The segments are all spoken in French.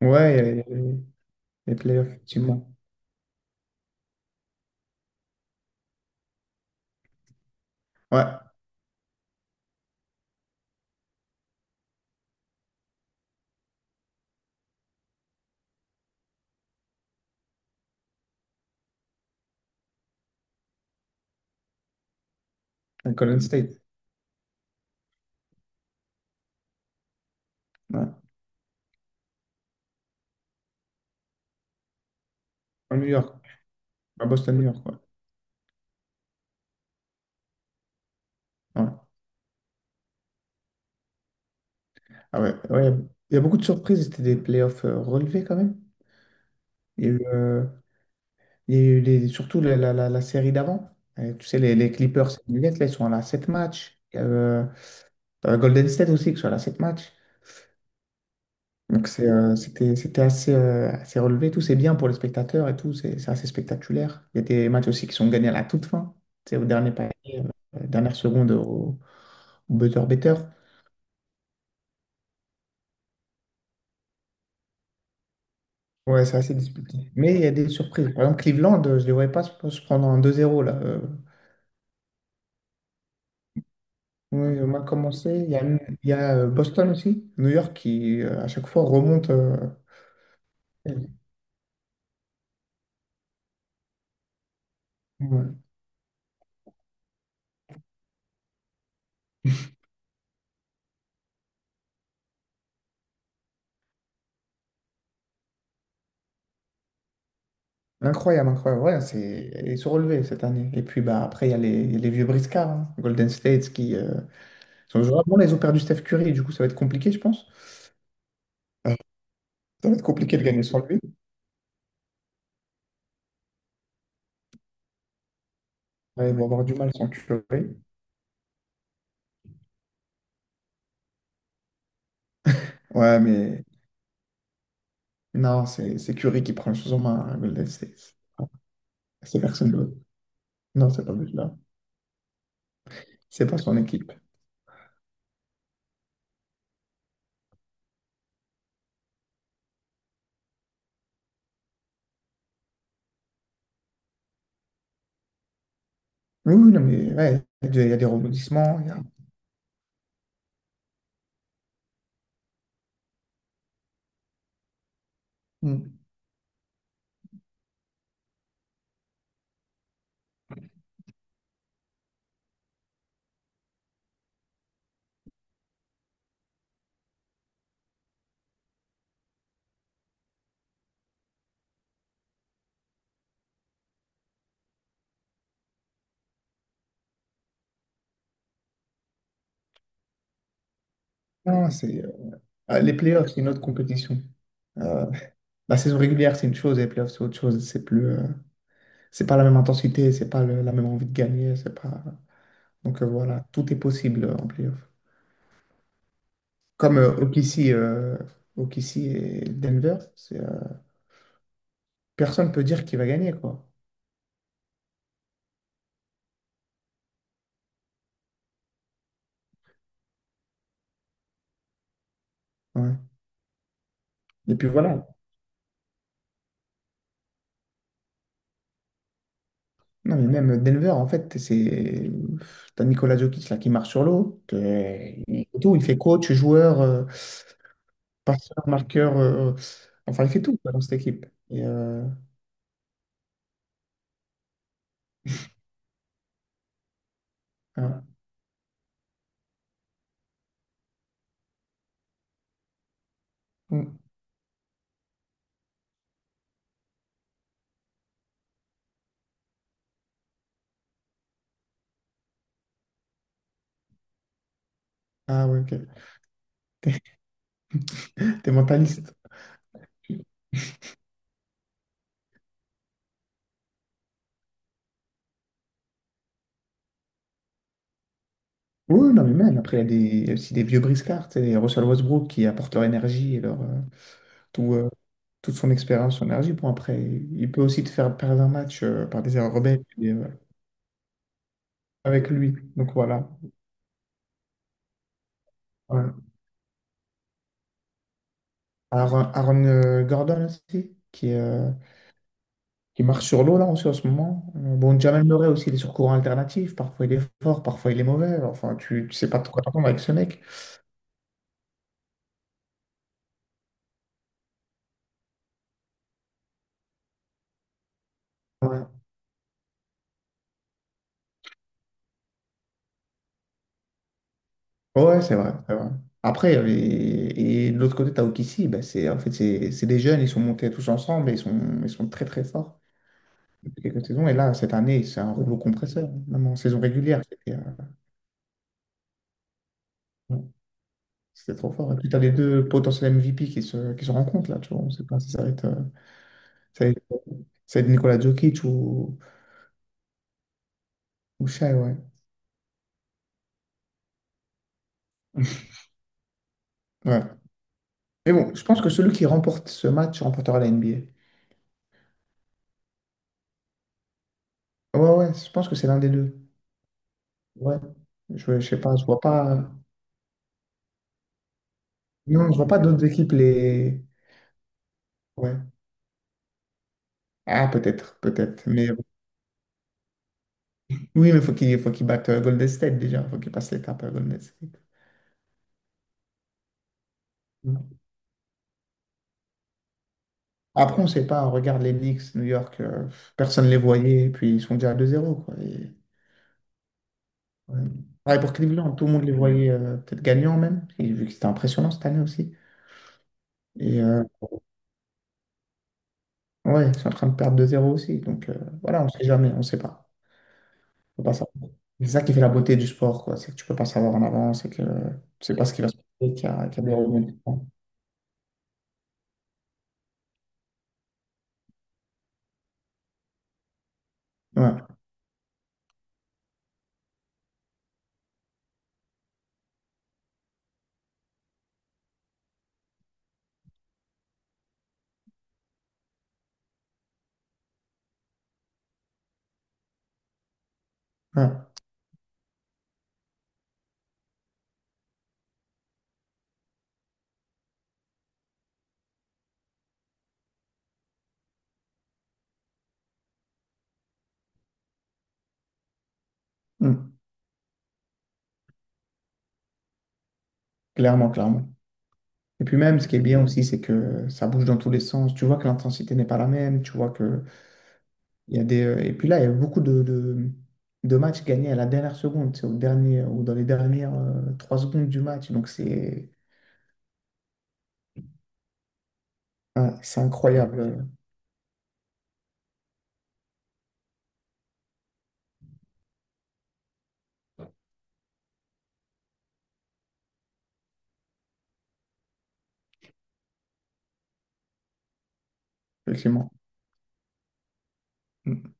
Ouais, il y a les playoffs, effectivement. Ouais, à Golden State. Ouais. À New York. À Boston, New York, ouais. Ouais. Ah ouais, ouais. Il y a beaucoup de surprises. C'était des playoffs relevés quand même. Il y a eu, il y a eu les- surtout la série d'avant. Tu sais, les Clippers et les Nuggets, là, ils sont à la 7 matchs. Il y a, Golden State aussi, qui sont à la 7 matchs. Donc c'était assez assez relevé, tout c'est bien pour les spectateurs et tout, c'est assez spectaculaire. Il y a des matchs aussi qui sont gagnés à la toute fin, c'est au dernier panier, dernière seconde au buzzer beater. Ouais, c'est assez disputé. Mais il y a des surprises. Par exemple, Cleveland, je ne les voyais pas se prendre un 2-0 là. Oui, on a commencé. Il y a Boston aussi, New York qui à chaque fois remonte. Ouais. Incroyable, incroyable. Ouais, ils sont relevés cette année. Et puis bah, après, il y a les vieux briscards, hein. Golden State qui. Parce que vraiment, là, ils ont perdu Steph Curry, et du coup, ça va être compliqué, je pense. Euh, Ça va être compliqué de gagner sans lui. Ouais, ils vont avoir du mal sans Curry. Ouais, mais non, c'est Curry qui prend les choses en main à Golden State. Ah, c'est personne d'autre. Non, c'est pas lui là. C'est pas son équipe. Oui, oui, non, mais ouais, il y a des rebondissements. Mm. Non, les playoffs, c'est une autre compétition. Euh, la saison régulière, c'est une chose, et les playoffs, c'est autre chose. C'est plus. C'est pas la même intensité, c'est pas la même envie de gagner, c'est pas. Donc voilà, tout est possible en playoff. Comme OKC, OKC et Denver, personne peut dire qui va gagner, quoi. Ouais. Et puis voilà. Non, mais même Denver, en fait, c'est. T'as Nikola Jokic là qui marche sur l'eau. Il fait tout, il fait coach, joueur, passeur, marqueur. Enfin, il fait tout quoi, dans cette équipe. Et, ah, mm. Ah, ouais, ok. T'es mentaliste. Oui, non, mais même, après, il y a aussi des vieux briscards, tu sais, les Russell Westbrook qui apportent leur énergie et leurtout, euh, toute son expérience, son énergie. Bon, après, il peut aussi te faire perdre un match par des erreurs rebelles et avec lui. Donc voilà. Ouais. Aaron Gordon aussi, qui marche sur l'eau là aussi en ce moment. Bon, Jamal Murray aussi, il est sur courant alternatif. Parfois, il est fort, parfois, il est mauvais. Enfin, tu sais pas de quoi t'attendre avec ce mec. Ouais. Ouais, c'est vrai, c'est vrai. Après, et de l'autre côté, t'as Okissi, bah, c'est, en fait, c'est des jeunes, ils sont montés tous ensemble et ils sont très très forts depuis quelques saisons. Et là, cette année, c'est un rouleau compresseur, même en saison régulière, c'était ouais, c'était trop fort. Et puis, t'as les deux potentiels MVP qui se rencontrent là, tu vois. On sait pas si ça va être, ça va être, ça va être Nikola Jokic ou Shai, ouais. Ouais. Mais bon, je pense que celui qui remporte ce match remportera la NBA. Ouais, ouais, je pense que c'est l'un des deux. Ouais. Je sais pas, je vois pas. Non, je vois pas d'autres équipes les. Ouais. Ah, peut-être, peut-être. Mais oui, mais faut qu'il batte Golden State déjà. Faut qu'il passe l'étape à Golden State. Mm. Après, on sait pas. On regarde les Knicks, New York, personne les voyait. Et puis ils sont déjà à 2-0, quoi. Et, ouais. Pareil pour Cleveland, tout le monde les voyait peut-être gagnants même. Et vu que c'était impressionnant cette année aussi. Et ouais, ils sont en train de perdre 2-0 aussi. Donc voilà, on sait jamais, on sait pas. Faut pas savoir. C'est ça qui fait la beauté du sport, quoi. C'est que tu peux pas savoir en avance et que tu sais pas ce qui va se passer, qu'il y a des rebondissements. Ouais, ouais. Mm. Clairement, clairement. Et puis même, ce qui est bien aussi, c'est que ça bouge dans tous les sens. Tu vois que l'intensité n'est pas la même. Tu vois que il y a des. Et puis là, il y a beaucoup de matchs gagnés à la dernière seconde, c'est au dernier ou dans les dernières 3 secondes du match. Donc c'est, ouais, c'est incroyable, le climat. Mm.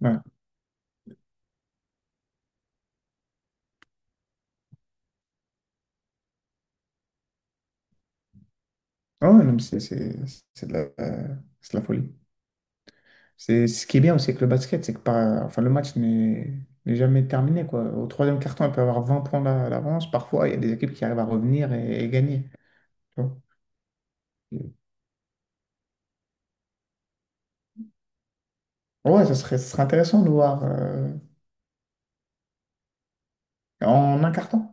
Ouais. Ah ouais, non, mais c'est de la, euh, c'est de la folie. C'est ce qui est bien aussi avec le basket, c'est que enfin, le match n'est jamais terminé, quoi. Au troisième carton, il peut y avoir 20 points d'avance. Parfois, il y a des équipes qui arrivent à revenir et gagner. Tu vois. Ouais, ça serait intéressant de voir en un carton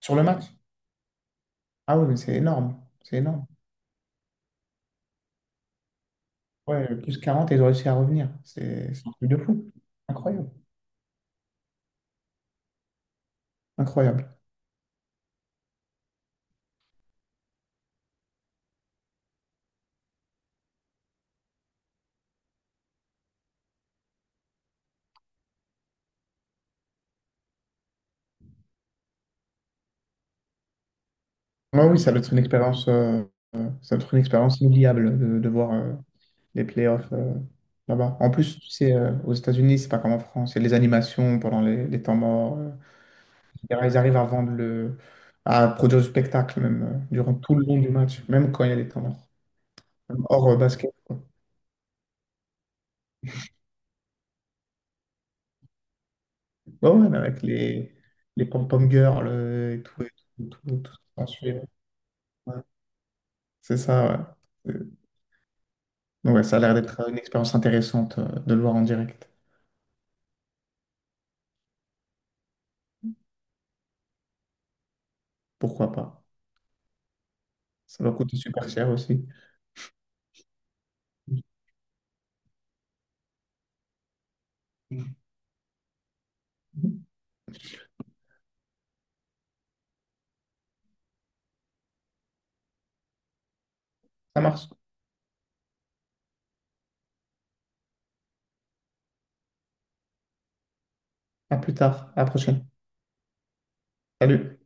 sur le match. Ah oui, mais c'est énorme. C'est énorme. Ouais, plus 40 ils ont réussi à revenir. C'est un truc de fou. Incroyable. Incroyable. Ouais, oui, ça doit être une expérience, ça doit être une expérience inoubliable de voir. Les playoffs là-bas. En plus, tu sais, aux États-Unis, c'est pas comme en France. Il y a les animations pendant les temps morts, etc. Ils arrivent à vendre à produire du spectacle même durant tout le long du match, même quand il y a des temps morts. Même hors basket, quoi. Ouais, ouais, mais avec les pom-pom girls et tout, tout, tout, tout ce qu'on suit, ouais. Ouais, c'est ça, ouais. Donc, ouais, ça a l'air d'être une expérience intéressante de le voir en direct. Pourquoi pas? Ça doit coûter super cher aussi. Mhm. Ça marche. À plus tard, à la prochaine. Salut.